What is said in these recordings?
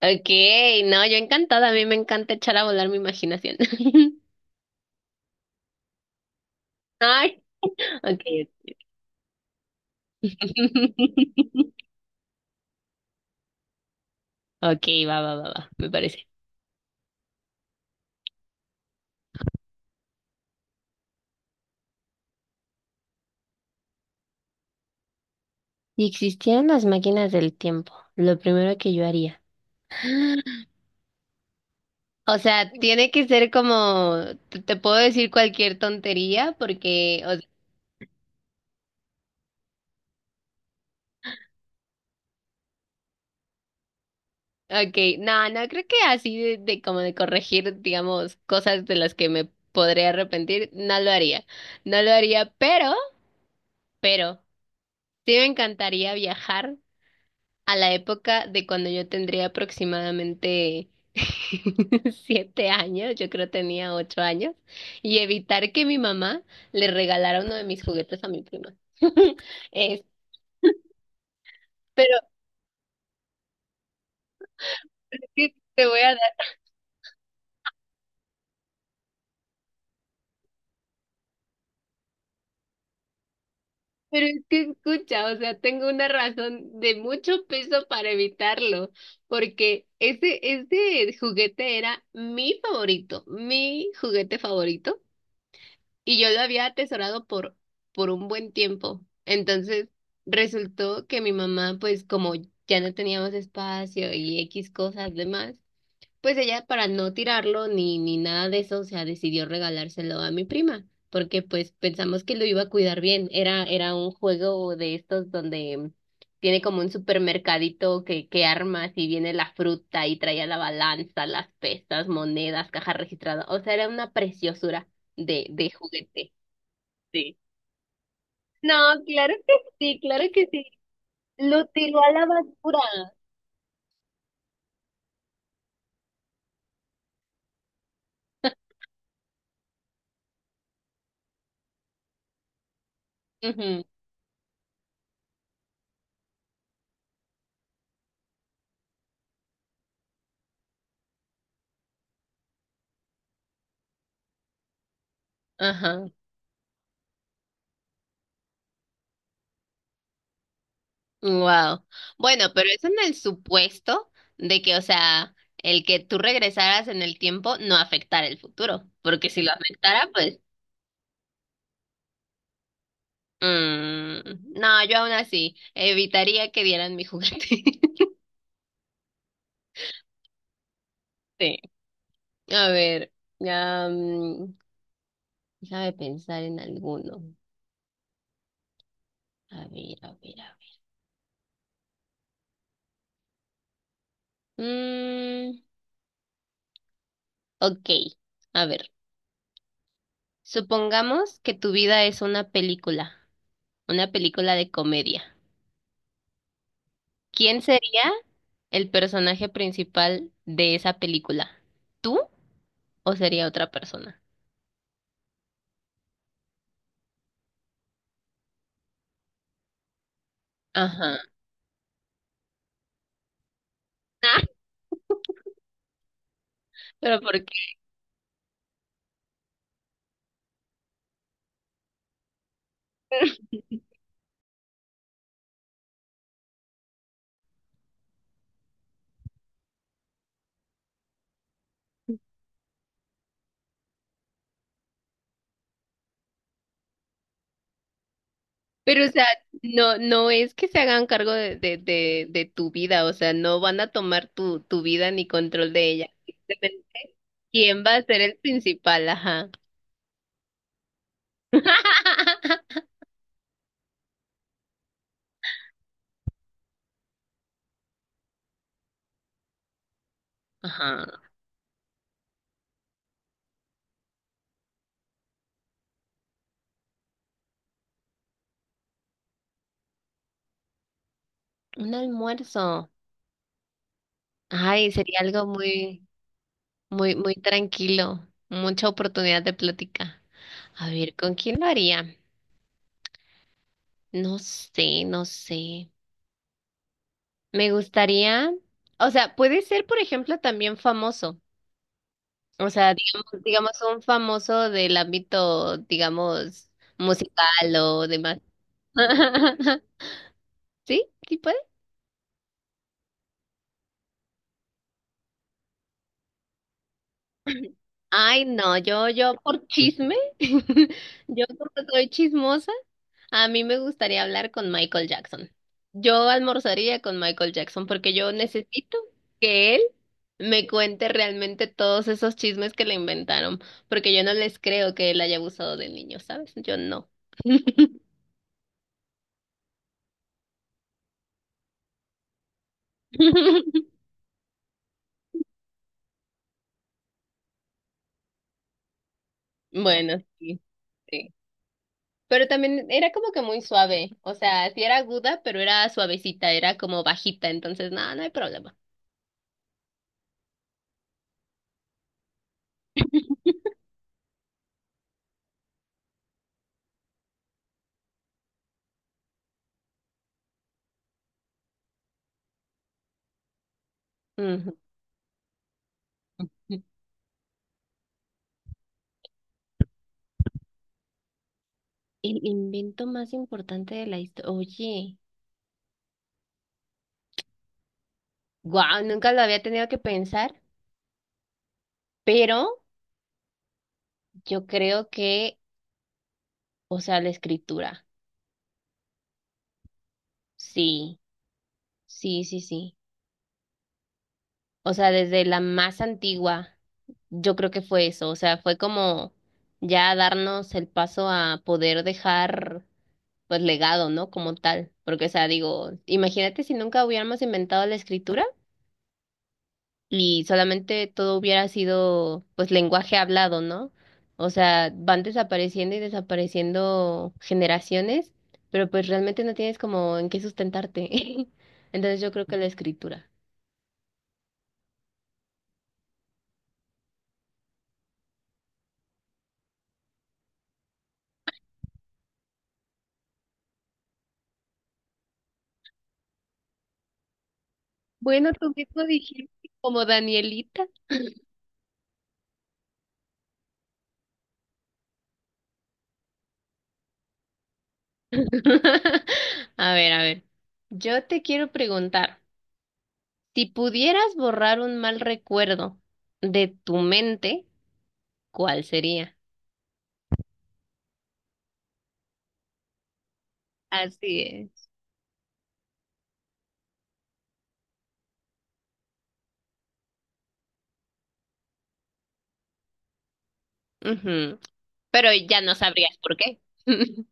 Ok, no, yo encantada, a mí me encanta echar a volar mi imaginación. Ay, ok. Ok, va, va, va, va, me parece. Si existieran las máquinas del tiempo, lo primero que yo haría. O sea, tiene que ser como, te puedo decir cualquier tontería porque, o sea, ok, no, no, creo que así de como de corregir, digamos, cosas de las que me podría arrepentir, no lo haría, no lo haría, pero, sí me encantaría viajar a la época de cuando yo tendría aproximadamente 7 años, yo creo tenía 8 años, y evitar que mi mamá le regalara uno de mis juguetes a mi prima. Es, pero es que te voy a dar, pero es que escucha, o sea, tengo una razón de mucho peso para evitarlo, porque ese juguete era mi favorito, mi juguete favorito. Y yo lo había atesorado por un buen tiempo. Entonces, resultó que mi mamá, pues como ya no teníamos espacio y X cosas demás, pues ella para no tirarlo ni nada de eso, o sea, decidió regalárselo a mi prima, porque pues pensamos que lo iba a cuidar bien. Era un juego de estos donde tiene como un supermercadito que armas y viene la fruta y traía la balanza, las pesas, monedas, caja registrada. O sea, era una preciosura de juguete. Sí. No, claro que sí, claro que sí. Lo tiró a la basura. Ujú. Ajá. Wow. Bueno, pero es en el supuesto de que, o sea, el que tú regresaras en el tiempo no afectara el futuro, porque si lo afectara, pues, no, yo aún así evitaría que dieran mi juguete. Sí. A ver, ya, déjame pensar en alguno. A ver, a ver, a ver. Mm, ok, a ver. Supongamos que tu vida es una película de comedia. ¿Quién sería el personaje principal de esa película? ¿Tú o sería otra persona? Ajá. Ah, ¿pero por qué? Pero, o sea, no, no es que se hagan cargo de tu vida, o sea, no van a tomar tu, tu vida ni control de ella. Simplemente, ¿quién va a ser el principal? Ajá. Ajá. Un almuerzo. Ay, sería algo muy... muy, muy tranquilo, mucha oportunidad de plática. A ver, ¿con quién lo haría? No sé, no sé. Me gustaría, o sea, puede ser, por ejemplo, también famoso. O sea, digamos, digamos un famoso del ámbito, digamos, musical o demás. ¿Sí? ¿Sí? Ay, no, yo por chisme, yo porque soy chismosa, a mí me gustaría hablar con Michael Jackson. Yo almorzaría con Michael Jackson porque yo necesito que él me cuente realmente todos esos chismes que le inventaron, porque yo no les creo que él haya abusado de niños, ¿sabes? Yo no. Bueno, sí, sí. Pero también era como que muy suave, o sea, sí era aguda, pero era suavecita, era como bajita, entonces nada, no hay problema. Ujú. El invento más importante de la historia. Oye, wow, nunca lo había tenido que pensar, pero yo creo que, o sea, la escritura. Sí, sí, sí, sí. O sea, desde la más antigua, yo creo que fue eso. O sea, fue como ya darnos el paso a poder dejar, pues, legado, ¿no? Como tal. Porque, o sea, digo, imagínate si nunca hubiéramos inventado la escritura. Y solamente todo hubiera sido pues lenguaje hablado, ¿no? O sea, van desapareciendo y desapareciendo generaciones, pero pues realmente no tienes como en qué sustentarte. Entonces yo creo que la escritura. Bueno, tú mismo dijiste como Danielita. A ver, a ver. Yo te quiero preguntar, si pudieras borrar un mal recuerdo de tu mente, ¿cuál sería? Así es. Ujú. Pero ya no sabrías por qué.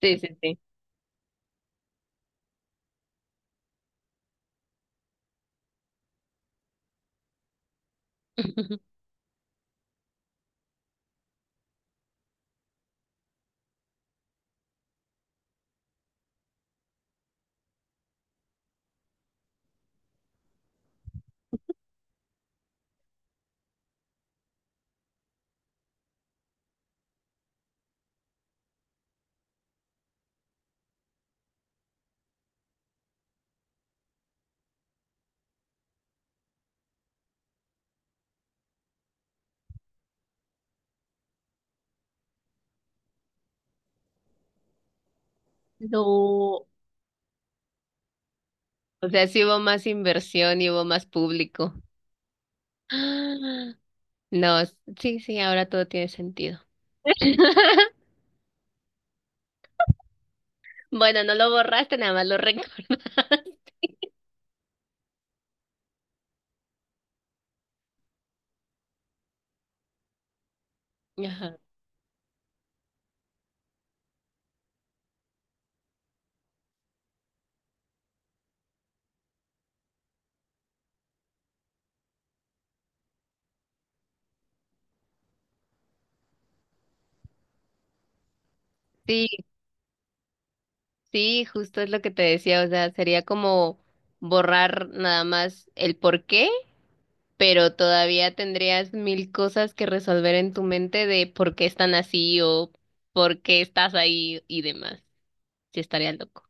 Sí, sí, sí. No, o sea, sí hubo más inversión y hubo más público. Ah, no, sí, sí, ahora todo tiene sentido. Bueno, no lo borraste, nada más lo recuerdas. Ajá. Sí, sí, justo es lo que te decía, o sea, sería como borrar nada más el por qué, pero todavía tendrías mil cosas que resolver en tu mente de por qué están así o por qué estás ahí y demás. Sí, estaría loco.